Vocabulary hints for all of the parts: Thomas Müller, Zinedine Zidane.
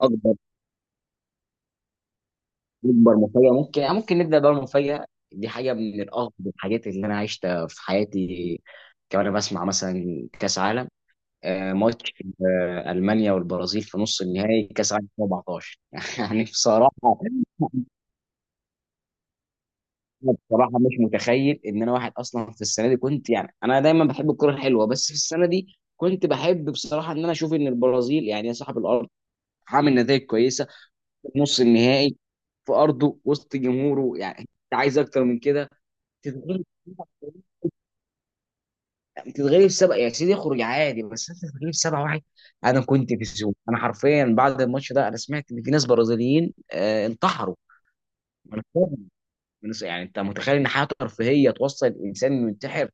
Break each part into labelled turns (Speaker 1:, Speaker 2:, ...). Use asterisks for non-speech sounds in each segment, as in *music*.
Speaker 1: اكبر اكبر مفاجاه، ممكن يعني ممكن نبدا بقى. المفاجاه دي حاجه من الاغرب الحاجات اللي انا عشتها في حياتي. كمان انا بسمع مثلا كاس عالم، ماتش المانيا والبرازيل في نص النهائي كاس عالم 2014 *laughs* يعني بصراحه. أنا بصراحه مش متخيل ان انا واحد اصلا في السنه دي كنت، يعني انا دايما بحب الكره الحلوه، بس في السنه دي كنت بحب بصراحه ان انا اشوف ان البرازيل، يعني يا صاحب الارض عامل نتائج كويسه، نص النهائي في ارضه وسط جمهوره، يعني انت عايز اكتر من كده. تتغلب تتغلب سبعة يا سيدي، اخرج عادي، بس انت تتغلب سبعة واحد. انا كنت في الزوم، انا حرفيا بعد الماتش ده انا سمعت ان في ناس برازيليين انتحروا من الصدمة. يعني انت متخيل ان حياه ترفيهيه توصل الانسان انه ينتحر؟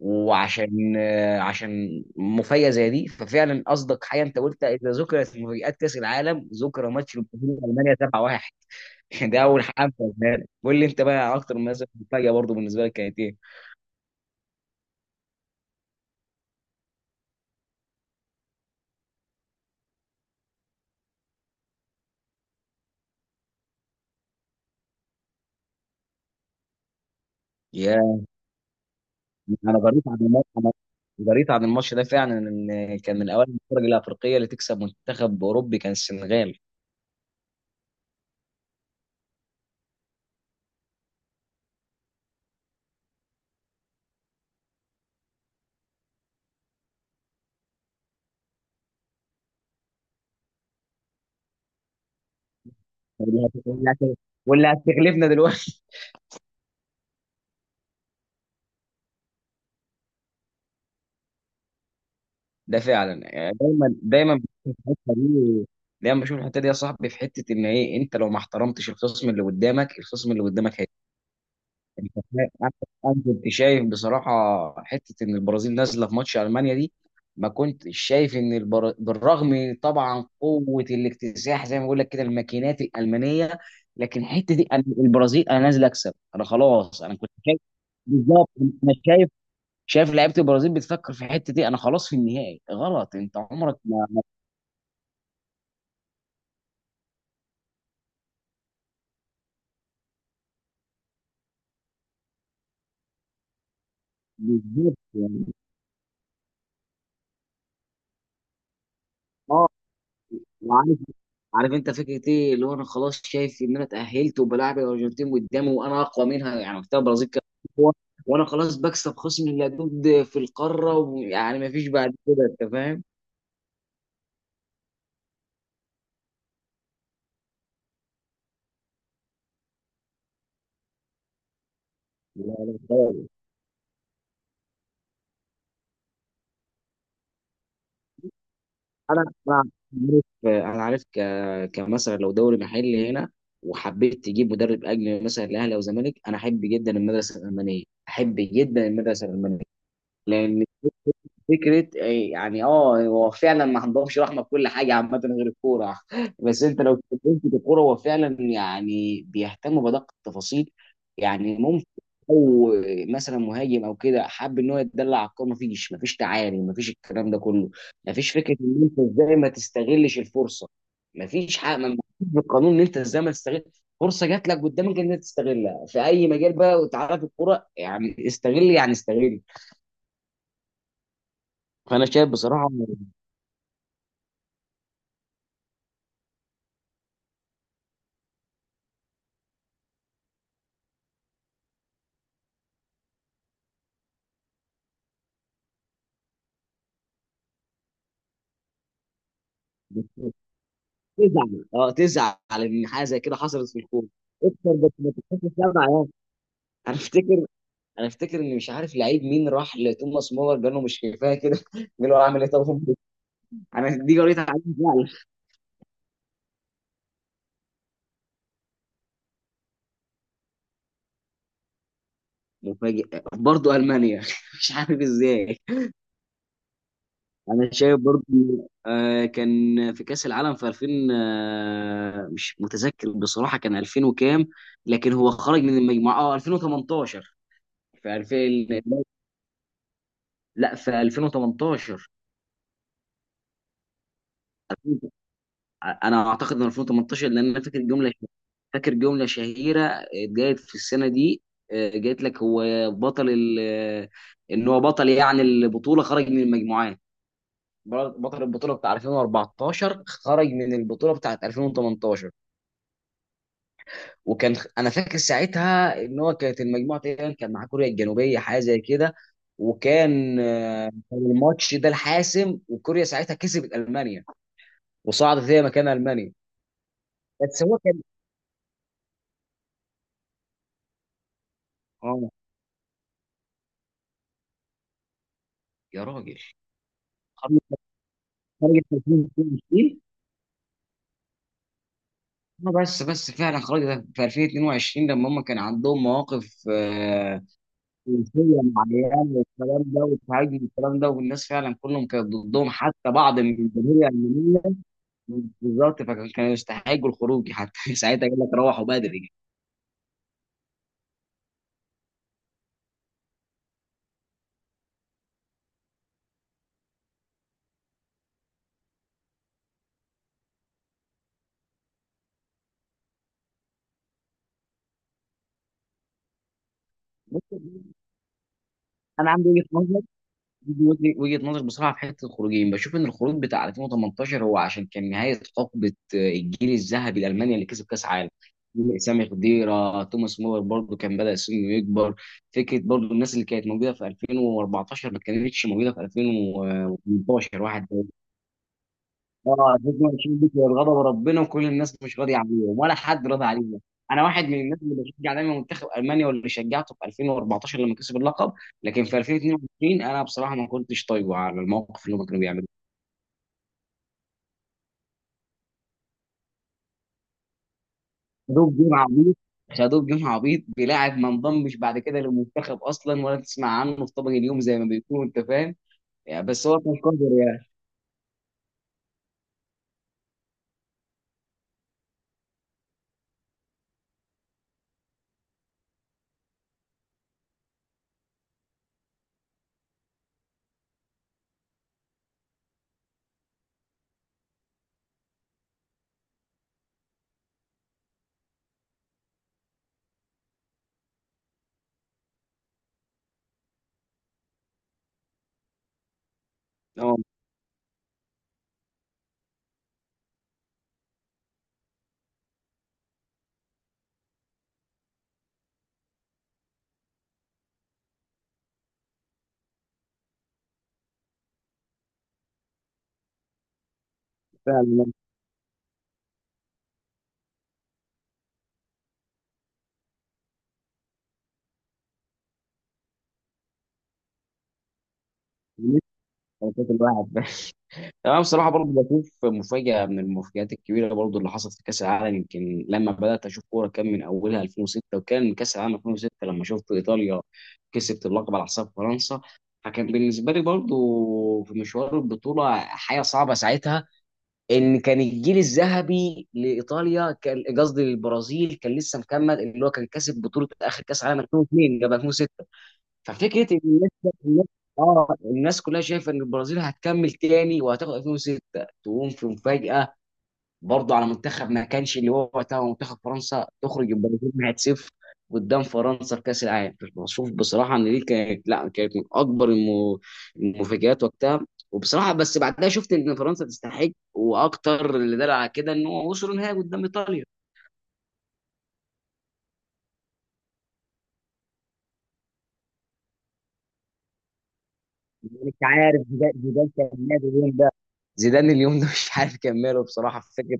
Speaker 1: وعشان آه، عشان مفاجاه زي دي ففعلا قصدك حاجه. انت قلت اذا ذكرت مفاجات كاس العالم ذكر ماتش البرازيل والمانيا 7-1. *laughs* ده اول حاجه قلنا لك. قول لي انت بقى اكتر مثلا مفاجاه برضه بالنسبه لك كانت ايه؟ يا انا قريت عن الماتش انا قريت عن الماتش ده فعلا، ان كان من اوائل الفرق الافريقيه اللي تكسب منتخب اوروبي كان السنغال. واللي هت- واللي هت- واللي هتغلبنا دلوقتي؟ *laughs* ده فعلا، يعني دايما دايما بشوف الحته دي، يا صاحبي في حته ان ايه، انت لو ما احترمتش الخصم اللي قدامك، انت فاهم. انا كنت شايف بصراحه، حته ان البرازيل نازله في ماتش المانيا دي، ما كنتش شايف بالرغم طبعا قوه الاكتساح زي ما بقول لك كده، الماكينات الالمانيه. لكن الحته دي، أنا البرازيل انا نازل اكسب، انا خلاص انا كنت شايف بالظبط. انا شايف، لعيبه البرازيل بتفكر في الحته دي، انا خلاص في النهائي. غلط، انت عمرك بالظبط، يعني، اه عارف انت فكره ايه اللي هو، انا خلاص شايف ان انا اتاهلت وبلاعب الارجنتين قدامي وانا اقوى منها. يعني وقتها البرازيل كانت اقوى، وانا خلاص بكسب خصم اللدود في القاره، ويعني ما فيش بعد كده، انت فاهم. لا لا خالص. انا عارف كمثلا لو دوري محلي هنا وحبيت تجيب مدرب اجنبي مثلا الاهلي او الزمالك، انا احب جدا المدرسه الالمانيه، لان فكره، يعني هو فعلا ما عندهمش رحمه في كل حاجه عامه غير الكوره. *laughs* بس انت لو اتكلمت في الكوره، هو فعلا يعني بيهتموا بدقه التفاصيل. يعني ممكن، او مثلا مهاجم او كده حب ان هو يتدلع على الكوره، مفيش تعالي، مفيش الكلام ده كله. مفيش فكره ان انت ازاي ما تستغلش الفرصه، مفيش حاجه، مفيش بالقانون ان انت ازاي ما تستغل فرصه جات لك قدامك ان انت تستغلها في اي مجال بقى وتعرف الكوره، يعني استغل يعني استغل. فانا شايف بصراحه. تزعل ان حاجه زي كده حصلت في الكوره اكتر، بس ما تحسش سبعه يعني. انا افتكر انا افتكر ان، مش عارف لعيب مين راح لتوماس مولر قال له مش كفايه كده؟ *laughs* قال له اعمل ايه طب أمي؟ انا دي قريت عليها فعلا. مفاجئ برضه المانيا، *laughs* مش عارف ازاي. انا شايف برضه، كان في كاس العالم في 2000، مش متذكر بصراحه كان 2000 وكام، لكن هو خرج من المجموعه 2018. في 2000، لا في 2018. انا اعتقد ان 2018، لان انا فاكر جمله شهيره اتقالت في السنه دي، قالت لك هو بطل ال- آه، ان هو بطل يعني البطوله خرج من المجموعات. بطل البطوله بتاع 2014 خرج من البطوله بتاعت 2018. وكان انا فاكر ساعتها ان هو كانت المجموعه تقريبا، كان مع كوريا الجنوبيه حاجه زي كده، وكان كان الماتش ده الحاسم، وكوريا ساعتها كسبت المانيا وصعدت هي مكان المانيا. بس هو كان اه يا راجل، خرجت خرجت في 2022. اه، بس فعلا خرجت في 2022 لما هم كان عندهم مواقف سياسيه مع العيال والكلام ده والتهاجم والكلام ده، والناس فعلا كلهم كانت ضدهم حتى بعض من الجماهير الالمانيه. بالظبط، فكانوا يستحقوا الخروج حتى. *laughs* ساعتها قال لك روحوا بدري. انا عندي وجهه نظر، دي وجهه نظر بصراحه في حته الخروجين. بشوف ان الخروج بتاع 2018 هو عشان كان نهايه حقبه، الجيل الذهبي الالماني اللي كسب كاس عالم. سامي خضيره، توماس مولر برضو كان بدا سنه يكبر. فكره برضو الناس اللي كانت موجوده في 2014 ما كانتش موجوده في 2018 واحد. اه، الفتنه بتشوف بك غضب ربنا، وكل الناس مش راضيه عليهم ولا حد راضي عليهم. انا واحد من الناس اللي بشجع دايما منتخب المانيا، واللي شجعته في 2014 لما كسب اللقب، لكن في 2022 انا بصراحه ما كنتش طايقه على الموقف اللي هم كانوا بيعملوه. خدوه بجيم عبيط خدوه بجيم عبيط بلاعب ما انضمش بعد كده للمنتخب اصلا، ولا تسمع عنه في طبق اليوم زي ما بيكونوا انت فاهم، يعني، بس هو كان قادر يعني. اه فعلا كانت الواحد. انا بصراحه برضه بشوف مفاجاه من المفاجآت الكبيره برضه اللي حصلت في كاس العالم، يمكن لما بدات اشوف كوره كان من اولها 2006، وكان كاس العالم 2006 لما شفت ايطاليا كسبت اللقب على حساب فرنسا. فكان بالنسبه لي برضه، في مشوار البطوله حاجه صعبه ساعتها، ان كان الجيل الذهبي لايطاليا كان قصدي للبرازيل كان لسه مكمل، اللي هو كان كسب بطوله اخر كاس عالم 2002 قبل 2006. ففكره ان الناس، الناس- اه الناس كلها شايفه ان البرازيل هتكمل تاني وهتاخد 2006، تقوم في مفاجاه برضه على منتخب ما كانش، اللي هو وقتها هو منتخب فرنسا تخرج البرازيل 1-0 قدام فرنسا في كاس العالم. بشوف بصراحه ان دي كانت، لا كانت من اكبر المفاجآت وقتها. وبصراحه بس بعدها شفت ان فرنسا تستحق، واكتر اللي دل على كده ان هو وصلوا نهائي قدام ايطاليا. يعني انت عارف، زيدان كان ماله اليوم ده، زيدان اليوم ده مش عارف كان ماله بصراحه في فكره.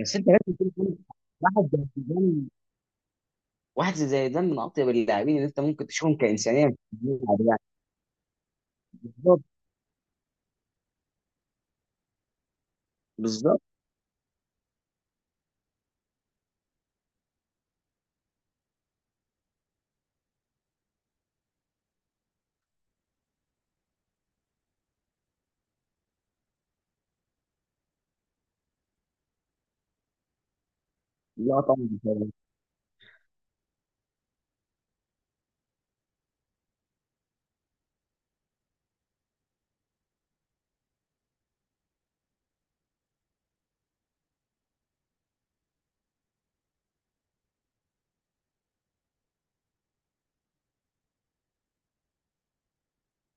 Speaker 1: بس انت لازم تكون واحد زي زيدان واحد زي زيدان من اطيب اللاعبين اللي انت ممكن تشوفهم كانسانيه في الملعب يعني. بالظبط بالظبط، لا طبعا.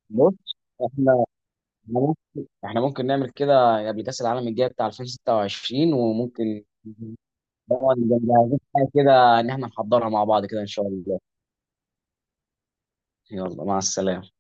Speaker 1: بص، احنا احنا ممكن نعمل كده قبل كاس العالم الجاي بتاع 2026، وممكن طبعا نبقى مجهزين حاجه كده ان احنا نحضرها مع بعض كده ان شاء الله. يلا مع السلامه.